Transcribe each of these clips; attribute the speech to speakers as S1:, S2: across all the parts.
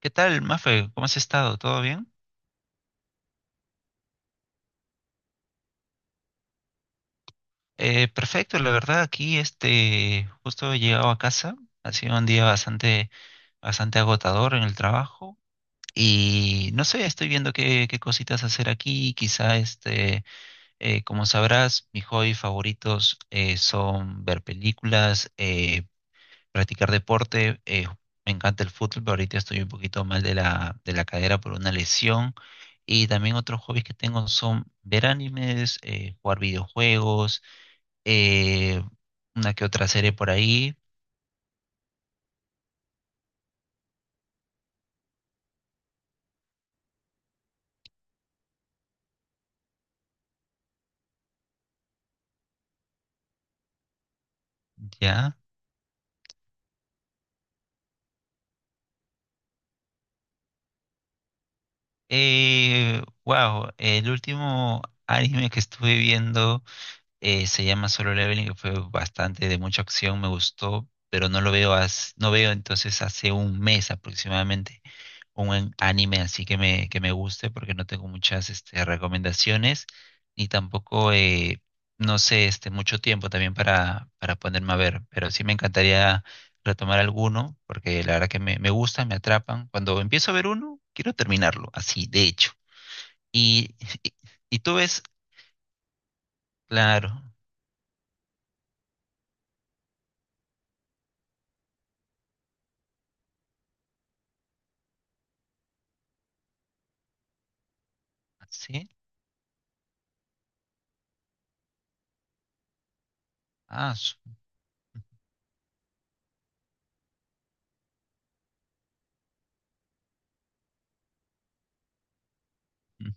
S1: ¿Qué tal, Mafe? ¿Cómo has estado? ¿Todo bien? Perfecto, la verdad aquí justo he llegado a casa. Ha sido un día bastante agotador en el trabajo y no sé, estoy viendo qué cositas hacer aquí, quizá como sabrás, mis hobbies favoritos son ver películas, practicar deporte. Me encanta el fútbol, pero ahorita estoy un poquito mal de de la cadera por una lesión. Y también otros hobbies que tengo son ver animes, jugar videojuegos, eh, una que otra serie por ahí, ¿ya? Wow, el último anime que estuve viendo se llama Solo Leveling, que fue bastante de mucha acción, me gustó, pero no veo entonces hace un mes aproximadamente un buen anime así que que me guste, porque no tengo muchas recomendaciones, ni tampoco, no sé, mucho tiempo también para ponerme a ver, pero sí me encantaría retomar alguno, porque la verdad que me gustan, me atrapan. Cuando empiezo a ver uno, quiero terminarlo, así, de hecho. Y, y, tú ves, claro, así. Ah, ujú.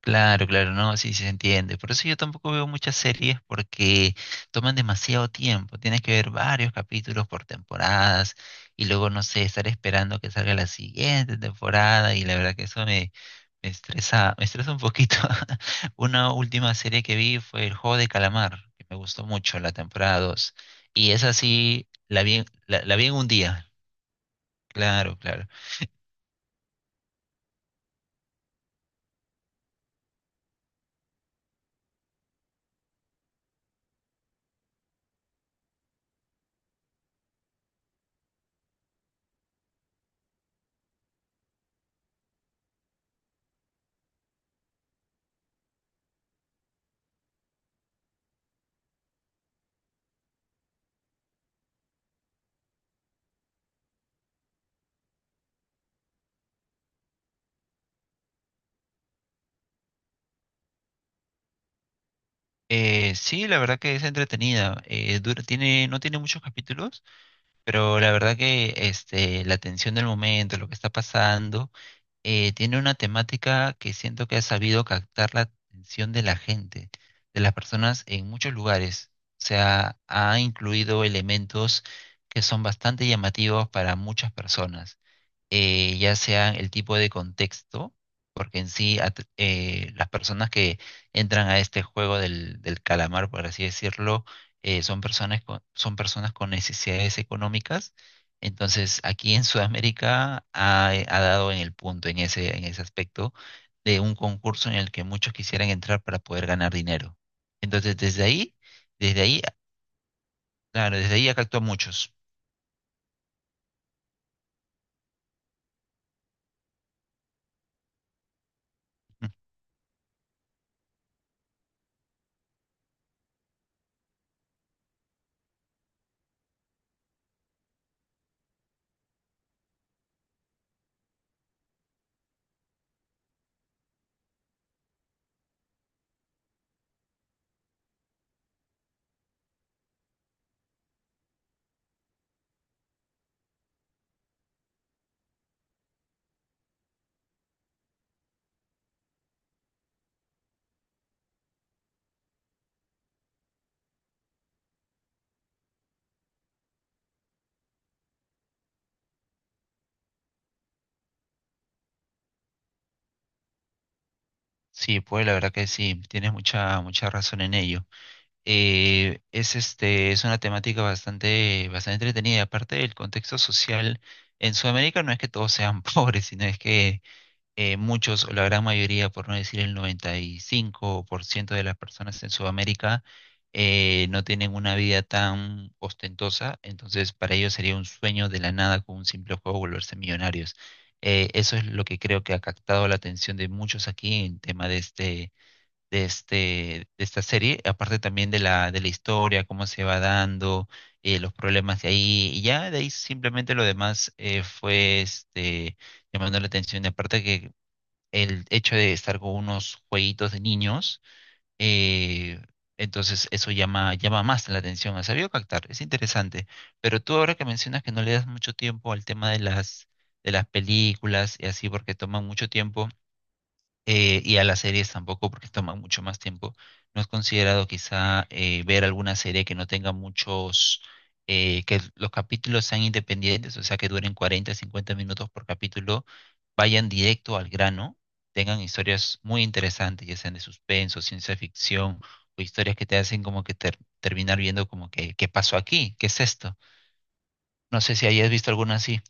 S1: Claro, claro, no, sí, sí se entiende. Por eso yo tampoco veo muchas series porque toman demasiado tiempo. Tienes que ver varios capítulos por temporadas y luego, no sé, estar esperando que salga la siguiente temporada y la verdad que eso me estresa un poquito. Una última serie que vi fue El Juego de Calamar, que me gustó mucho, la temporada dos. Y esa sí, la vi, la vi en un día. Claro, claro. Sí, la verdad que es entretenida. Tiene, no tiene muchos capítulos. Pero la verdad que la tensión del momento, lo que está pasando, tiene una temática que siento que ha sabido captar la atención de la gente, de las personas en muchos lugares. O sea, ha incluido elementos que son bastante llamativos para muchas personas, ya sea el tipo de contexto, porque en sí las personas que entran a este juego del calamar, por así decirlo, son son personas con necesidades económicas. Entonces, aquí en Sudamérica ha dado en el punto, en en ese aspecto, de un concurso en el que muchos quisieran entrar para poder ganar dinero. Entonces, desde ahí, claro, desde ahí actúan muchos. Sí, pues la verdad que sí, tienes mucha razón en ello. Eh, es una temática bastante entretenida. Y aparte, el contexto social en Sudamérica no es que todos sean pobres, sino es que muchos, o la gran mayoría, por no decir el 95% de las personas en Sudamérica, no tienen una vida tan ostentosa. Entonces, para ellos sería un sueño de la nada con un simple juego volverse millonarios. Eso es lo que creo que ha captado la atención de muchos aquí en tema de de este, de esta serie, aparte también de de la historia, cómo se va dando, los problemas de ahí, y ya de ahí simplemente lo demás fue llamando la atención, y aparte que el hecho de estar con unos jueguitos de niños, eh, entonces eso llama, llama más la atención, ha sabido captar, es interesante, pero tú ahora que mencionas que no le das mucho tiempo al tema de de las películas y así, porque toman mucho tiempo, y a las series tampoco porque toman mucho más tiempo. ¿No has considerado quizá ver alguna serie que no tenga muchos, que los capítulos sean independientes, o sea, que duren 40 50 minutos por capítulo, vayan directo al grano, tengan historias muy interesantes, ya sean de suspenso, ciencia ficción o historias que te hacen como que terminar viendo como que, ¿qué pasó aquí? ¿Qué es esto? No sé si hayas visto alguna así.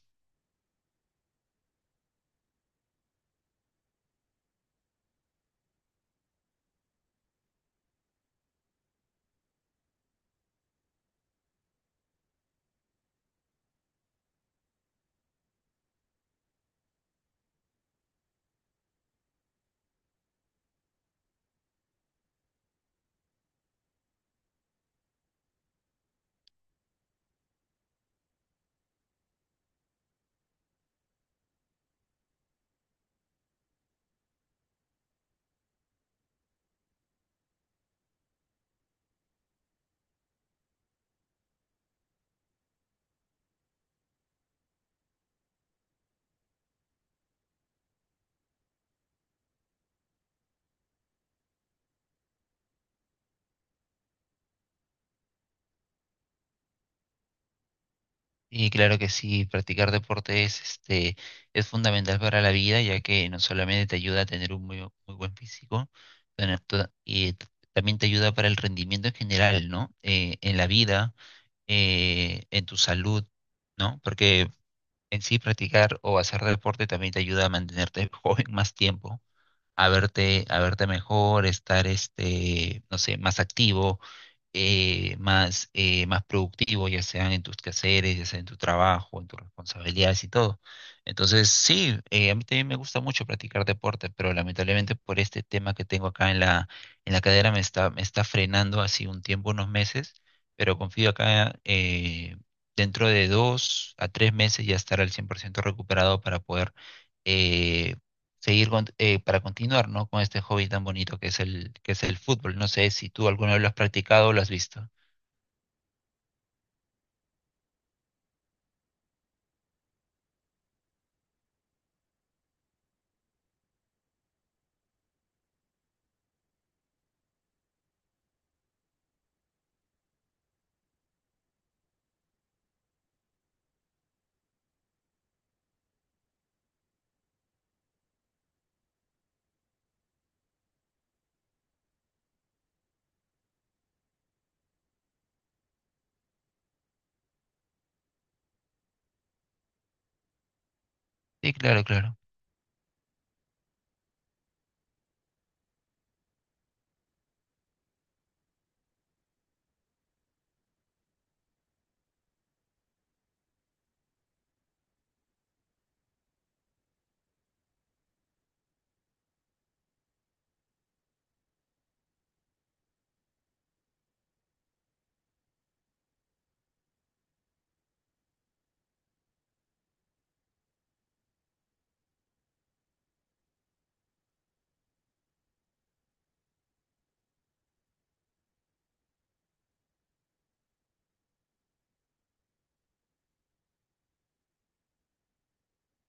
S1: Y claro que sí, practicar deporte es fundamental para la vida, ya que no solamente te ayuda a tener un muy buen físico, tener toda- y t- también te ayuda para el rendimiento en general, ¿no? En la vida, en tu salud, ¿no? Porque en sí practicar o hacer deporte también te ayuda a mantenerte joven más tiempo, a verte mejor, estar, no sé, más activo, más productivo, ya sean en tus quehaceres, ya sea en tu trabajo, en tus responsabilidades y todo. Entonces, sí, a mí también me gusta mucho practicar deporte, pero lamentablemente por este tema que tengo acá en en la cadera me está frenando así un tiempo, unos meses, pero confío acá dentro de dos a tres meses ya estar al 100% recuperado para poder... eh, para continuar, ¿no? Con este hobby tan bonito que es que es el fútbol. No sé si tú alguna vez lo has practicado o lo has visto. Sí, claro, claro.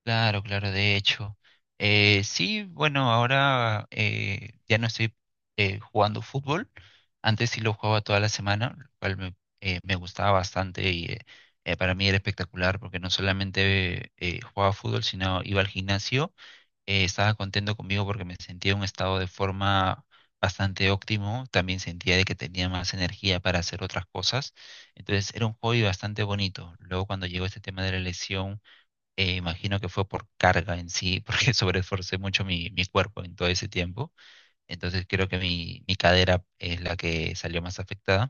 S1: Claro, claro, de hecho. Sí, bueno, ahora ya no estoy jugando fútbol. Antes sí lo jugaba toda la semana, lo cual me gustaba bastante para mí era espectacular porque no solamente jugaba fútbol, sino iba al gimnasio. Estaba contento conmigo porque me sentía en un estado de forma bastante óptimo. También sentía de que tenía más energía para hacer otras cosas. Entonces era un hobby bastante bonito. Luego cuando llegó este tema de la lesión, imagino que fue por carga en sí, porque sobreesforcé mucho mi cuerpo en todo ese tiempo. Entonces creo que mi cadera es la que salió más afectada.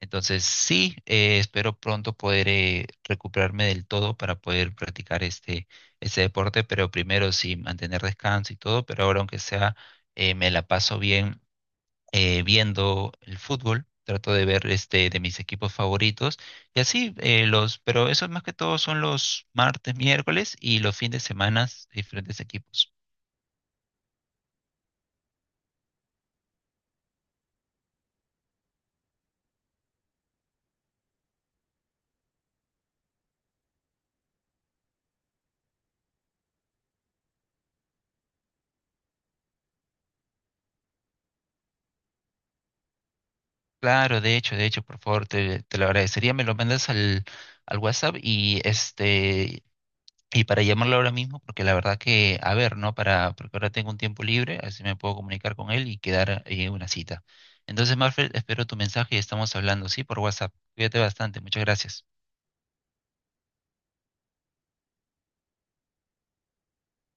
S1: Entonces sí, espero pronto poder recuperarme del todo para poder practicar este deporte, pero primero sí mantener descanso y todo, pero ahora aunque sea, me la paso bien viendo el fútbol, trato de ver de mis equipos favoritos y así pero eso más que todo son los martes, miércoles y los fines de semana diferentes equipos. Claro, de hecho, por favor, te lo agradecería, me lo mandas al WhatsApp y y para llamarlo ahora mismo porque la verdad que a ver, ¿no? Para porque ahora tengo un tiempo libre, así me puedo comunicar con él y quedar en una cita. Entonces, Marfel, espero tu mensaje y estamos hablando, sí, por WhatsApp. Cuídate bastante, muchas gracias.